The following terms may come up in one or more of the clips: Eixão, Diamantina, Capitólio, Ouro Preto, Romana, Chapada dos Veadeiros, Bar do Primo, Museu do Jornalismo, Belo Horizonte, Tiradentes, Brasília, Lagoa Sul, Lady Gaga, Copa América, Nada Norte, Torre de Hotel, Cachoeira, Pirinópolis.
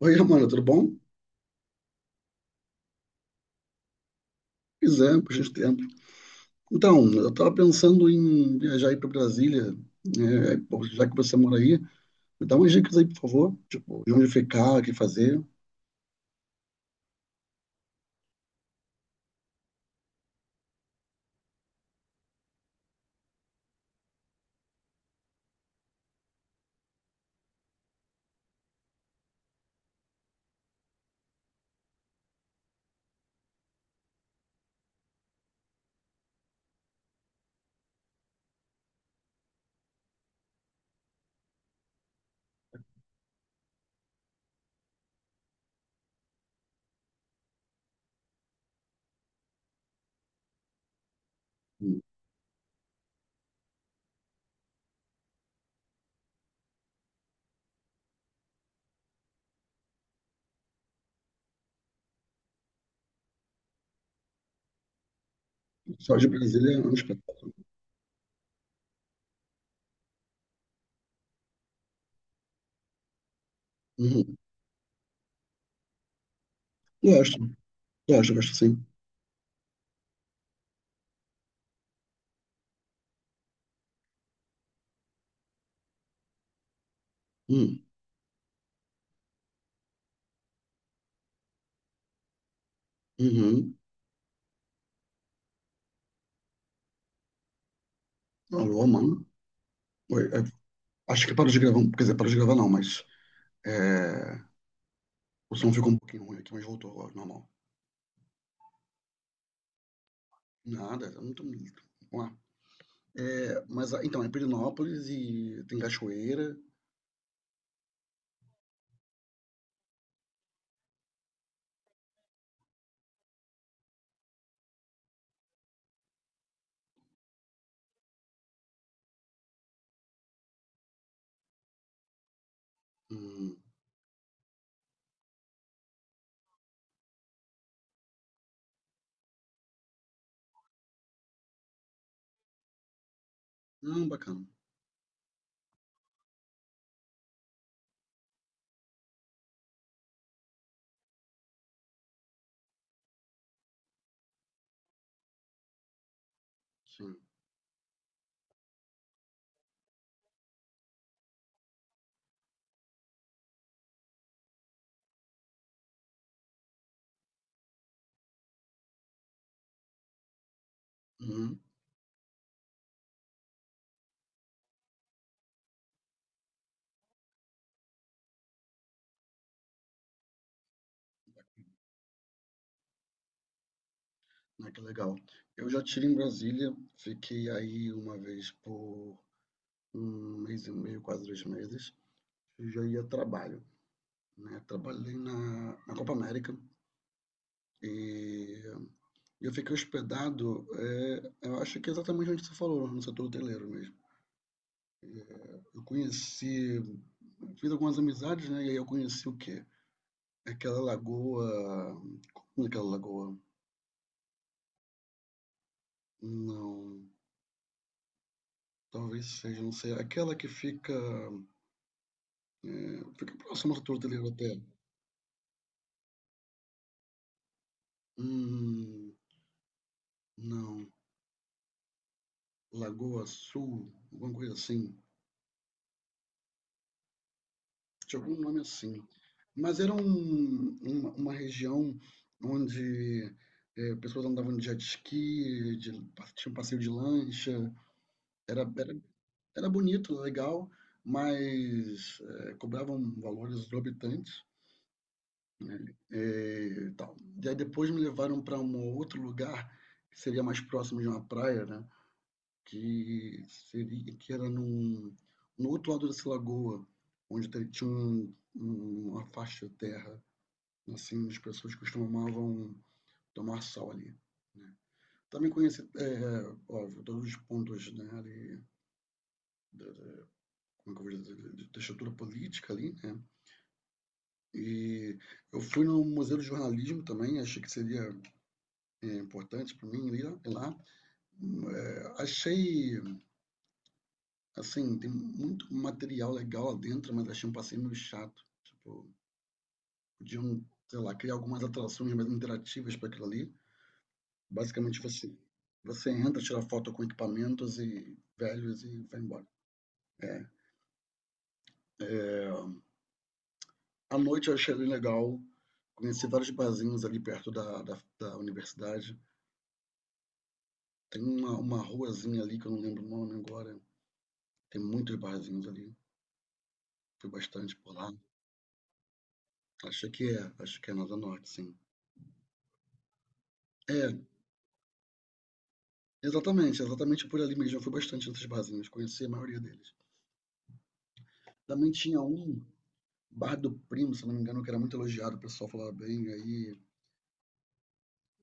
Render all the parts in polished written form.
Oi, Romana, tudo bom? Pois é, por gente tempo. Então, eu estava pensando em viajar aí para Brasília, né? Pô, já que você mora aí, me dá umas dicas aí, por favor. Tipo, de onde ficar, o que fazer. Hum. Só de Brasília é um espetáculo. Uhum. Gosto, gosto sim. Hum. Uhum. Alô, Romana. Oi, é, acho que parou de gravar, quer dizer, parou de gravar não, mas é, o som ficou um pouquinho ruim aqui, mas voltou agora, normal. Nada, eu não tô... Vamos lá. É, mas, ah, então, é Pirinópolis e tem Cachoeira. Hum. Ah, bacana. Sim. Uhum. Ah, que legal. Eu já tive em Brasília, fiquei aí uma vez por um mês e meio, quase dois meses, e já ia a trabalho, né? Trabalhei na Copa América e eu fiquei hospedado, é, eu acho que é exatamente onde você falou, no setor hoteleiro mesmo. Eu conheci, fiz algumas amizades, né? E aí eu conheci o quê? Aquela lagoa. Como é aquela lagoa? Não. Talvez seja, não sei. Aquela que fica. Fica próximo à Torre de Hotel. Hum, não. Lagoa Sul, alguma coisa assim. Tinha algum nome assim. Mas era uma região onde pessoas andavam de jet ski, de, tinha um passeio de lancha. Era, era, era bonito, legal, mas cobravam valores exorbitantes. E tal. E aí depois me levaram para um outro lugar que seria mais próximo de uma praia, né? Que seria que era no outro lado dessa lagoa, onde tinha uma faixa de terra, assim, as pessoas costumavam tomar sol ali. Também conheci, é, é, óbvio, todos os pontos, né, ali, da, da- como é que eu vou dizer, da estrutura política ali, né? E eu fui no Museu do Jornalismo também, achei que seria é, importante para mim ir lá. É, achei, assim, tem muito material legal lá dentro, mas achei um passeio meio chato. Tipo, podiam, sei lá, criar algumas atrações mais interativas para aquilo ali. Basicamente, você entra, tira foto com equipamentos e velhos e vai embora. É. É, à noite eu achei bem legal. Conheci vários barzinhos ali perto da universidade. Tem uma ruazinha ali que eu não lembro o nome agora. Tem muitos barzinhos ali. Fui bastante por lá. Acho que é Nada Norte, sim. É, exatamente, exatamente por ali mesmo. Eu fui bastante nesses barzinhas, conheci a maioria deles. Também tinha um, Bar do Primo, se não me engano, que era muito elogiado, o pessoal falava bem. Aí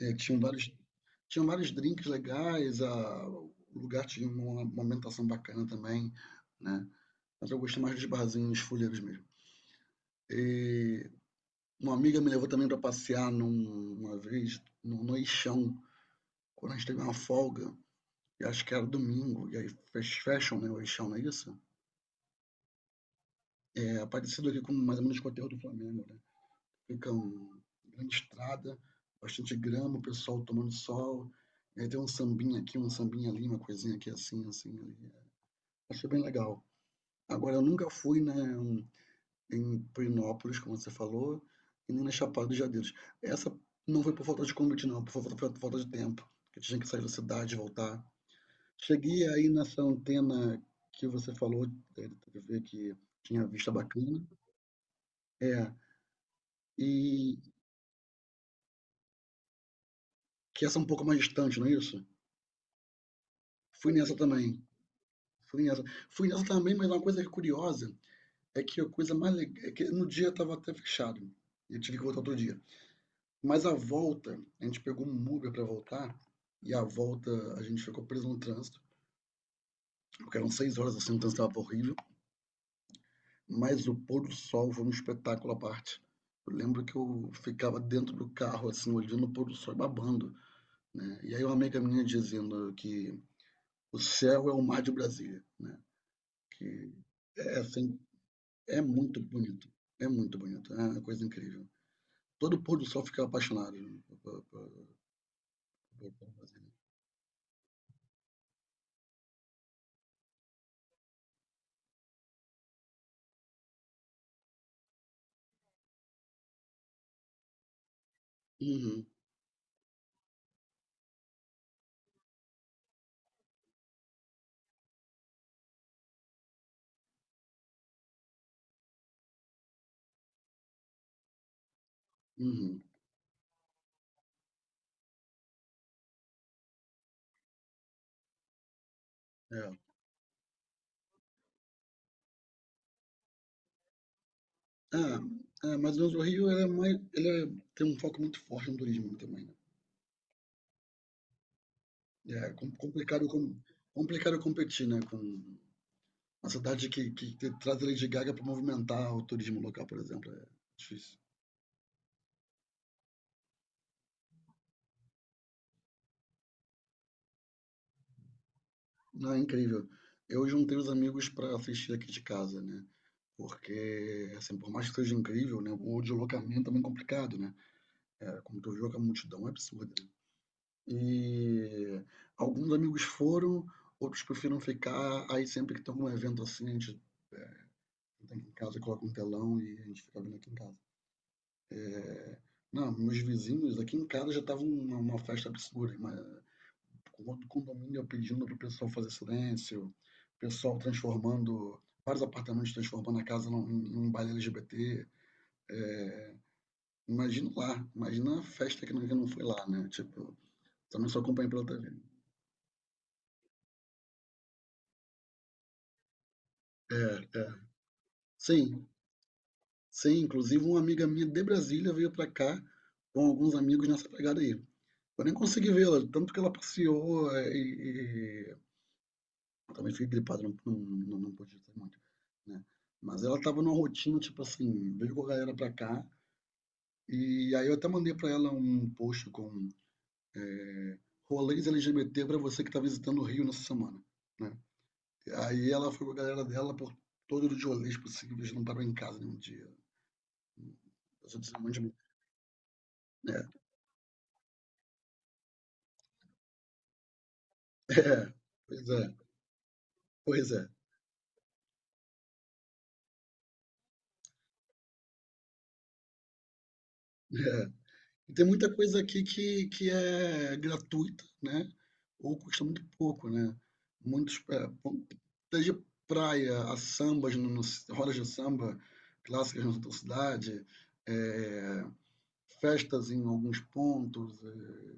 é, tinham vários drinks legais, o lugar tinha uma ambientação bacana também, né? Mas eu gostei mais dos barzinhos fuleiros mesmo. E uma amiga me levou também para passear uma vez no Eixão, quando a gente teve uma folga, e acho que era domingo, e aí fez fashion, né? O Eixão, não é isso? É, parecido ali com mais ou menos com o terra do Flamengo, né? Fica uma grande estrada, bastante grama, o pessoal tomando sol, aí tem um sambinha aqui, um sambinha ali, uma coisinha aqui assim, assim. Ali. Achei bem legal. Agora, eu nunca fui né, em Perinópolis, como você falou, e nem na Chapada dos Veadeiros. Essa não foi por falta de convite, não, por falta de tempo, que tinha que sair da cidade e voltar. Cheguei aí nessa antena que você falou, é, da TV que tinha vista bacana, é, e que essa é um pouco mais distante, não é isso? Fui nessa também. Fui nessa. Fui nessa também, mas uma coisa curiosa é que a coisa mais legal é que no dia eu tava até fechado. E eu tive que voltar outro dia. Mas a volta, a gente pegou um Uber para voltar. E a volta a gente ficou preso no trânsito, porque eram seis horas assim, o trânsito estava horrível. Mas o pôr do sol foi um espetáculo à parte. Eu lembro que eu ficava dentro do carro, assim, olhando o pôr do sol e babando. Né? E aí uma amiga minha dizendo que o céu é o mar de Brasília. Né? Que assim, é muito bonito, é muito bonito, é uma coisa incrível. Todo pôr do sol fica apaixonado, né, por Brasília. Uhum, uhum, é. É, é, mais menos o Rio ele é mais, ele é- tem um foco muito forte no turismo também, né? É complicado, complicado competir, né? Com uma cidade que traz a Lady Gaga para movimentar o turismo local, por exemplo, é difícil. Não, é incrível. Eu juntei os amigos para assistir aqui de casa, né? Porque, assim, por mais que seja incrível, né, o deslocamento é muito complicado, né? É, como tu viu, que a multidão é absurda. Né? E alguns amigos foram, outros preferiram ficar. Aí sempre que tem algum evento assim, a gente tem aqui em casa, coloca um telão e a gente fica vendo aqui em casa. Não, meus vizinhos aqui em casa já estavam uma festa absurda, mas com outro condomínio pedindo para o pessoal fazer silêncio, o pessoal transformando vários apartamentos transformando a casa em um baile LGBT. Imagino lá, imagina a festa que não foi lá, né? Tipo, também só acompanhei pela TV. É, é. Sim, sim. Inclusive, uma amiga minha de Brasília veio pra cá com alguns amigos nessa pegada aí. Eu nem consegui vê-la, tanto que ela passeou é, eu também fiquei gripado, não pude ter muito, né? Mas ela tava numa rotina, tipo assim, veio com a galera pra cá e aí eu até mandei pra ela um post com rolês LGBT pra você que tá visitando o Rio nessa semana, né? Aí ela foi com a galera dela por todos os rolês possíveis, não parou em casa nenhum dia. Passou de ser um monte de... mim, né? É, é, pois é, pois é, é. E tem muita coisa aqui que é gratuita, né? Ou custa muito pouco, né? Muitos, é, bom, desde praia a sambas, rodas de samba clássicas na tua cidade, é, festas em alguns pontos, é,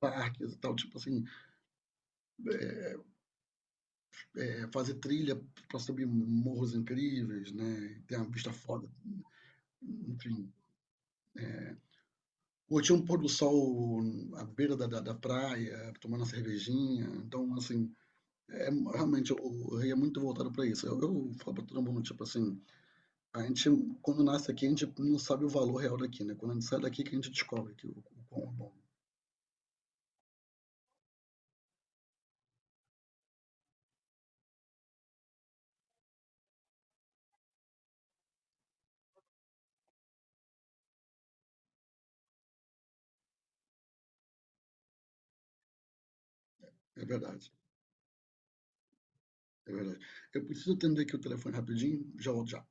parques e tal, tipo assim, é, fazer trilha para subir morros incríveis, né? Tem uma vista foda, enfim. Ou tinha um pôr do sol à beira da praia, tomando uma cervejinha. Então, assim, é, realmente o Rei é muito voltado para isso. Eu falo para todo mundo, tipo assim, a gente, quando nasce aqui, a gente não sabe o valor real daqui, né? Quando a gente sai daqui, que a gente descobre que o quão é bom. É verdade, é verdade. Eu preciso atender aqui o telefone rapidinho, já volto já.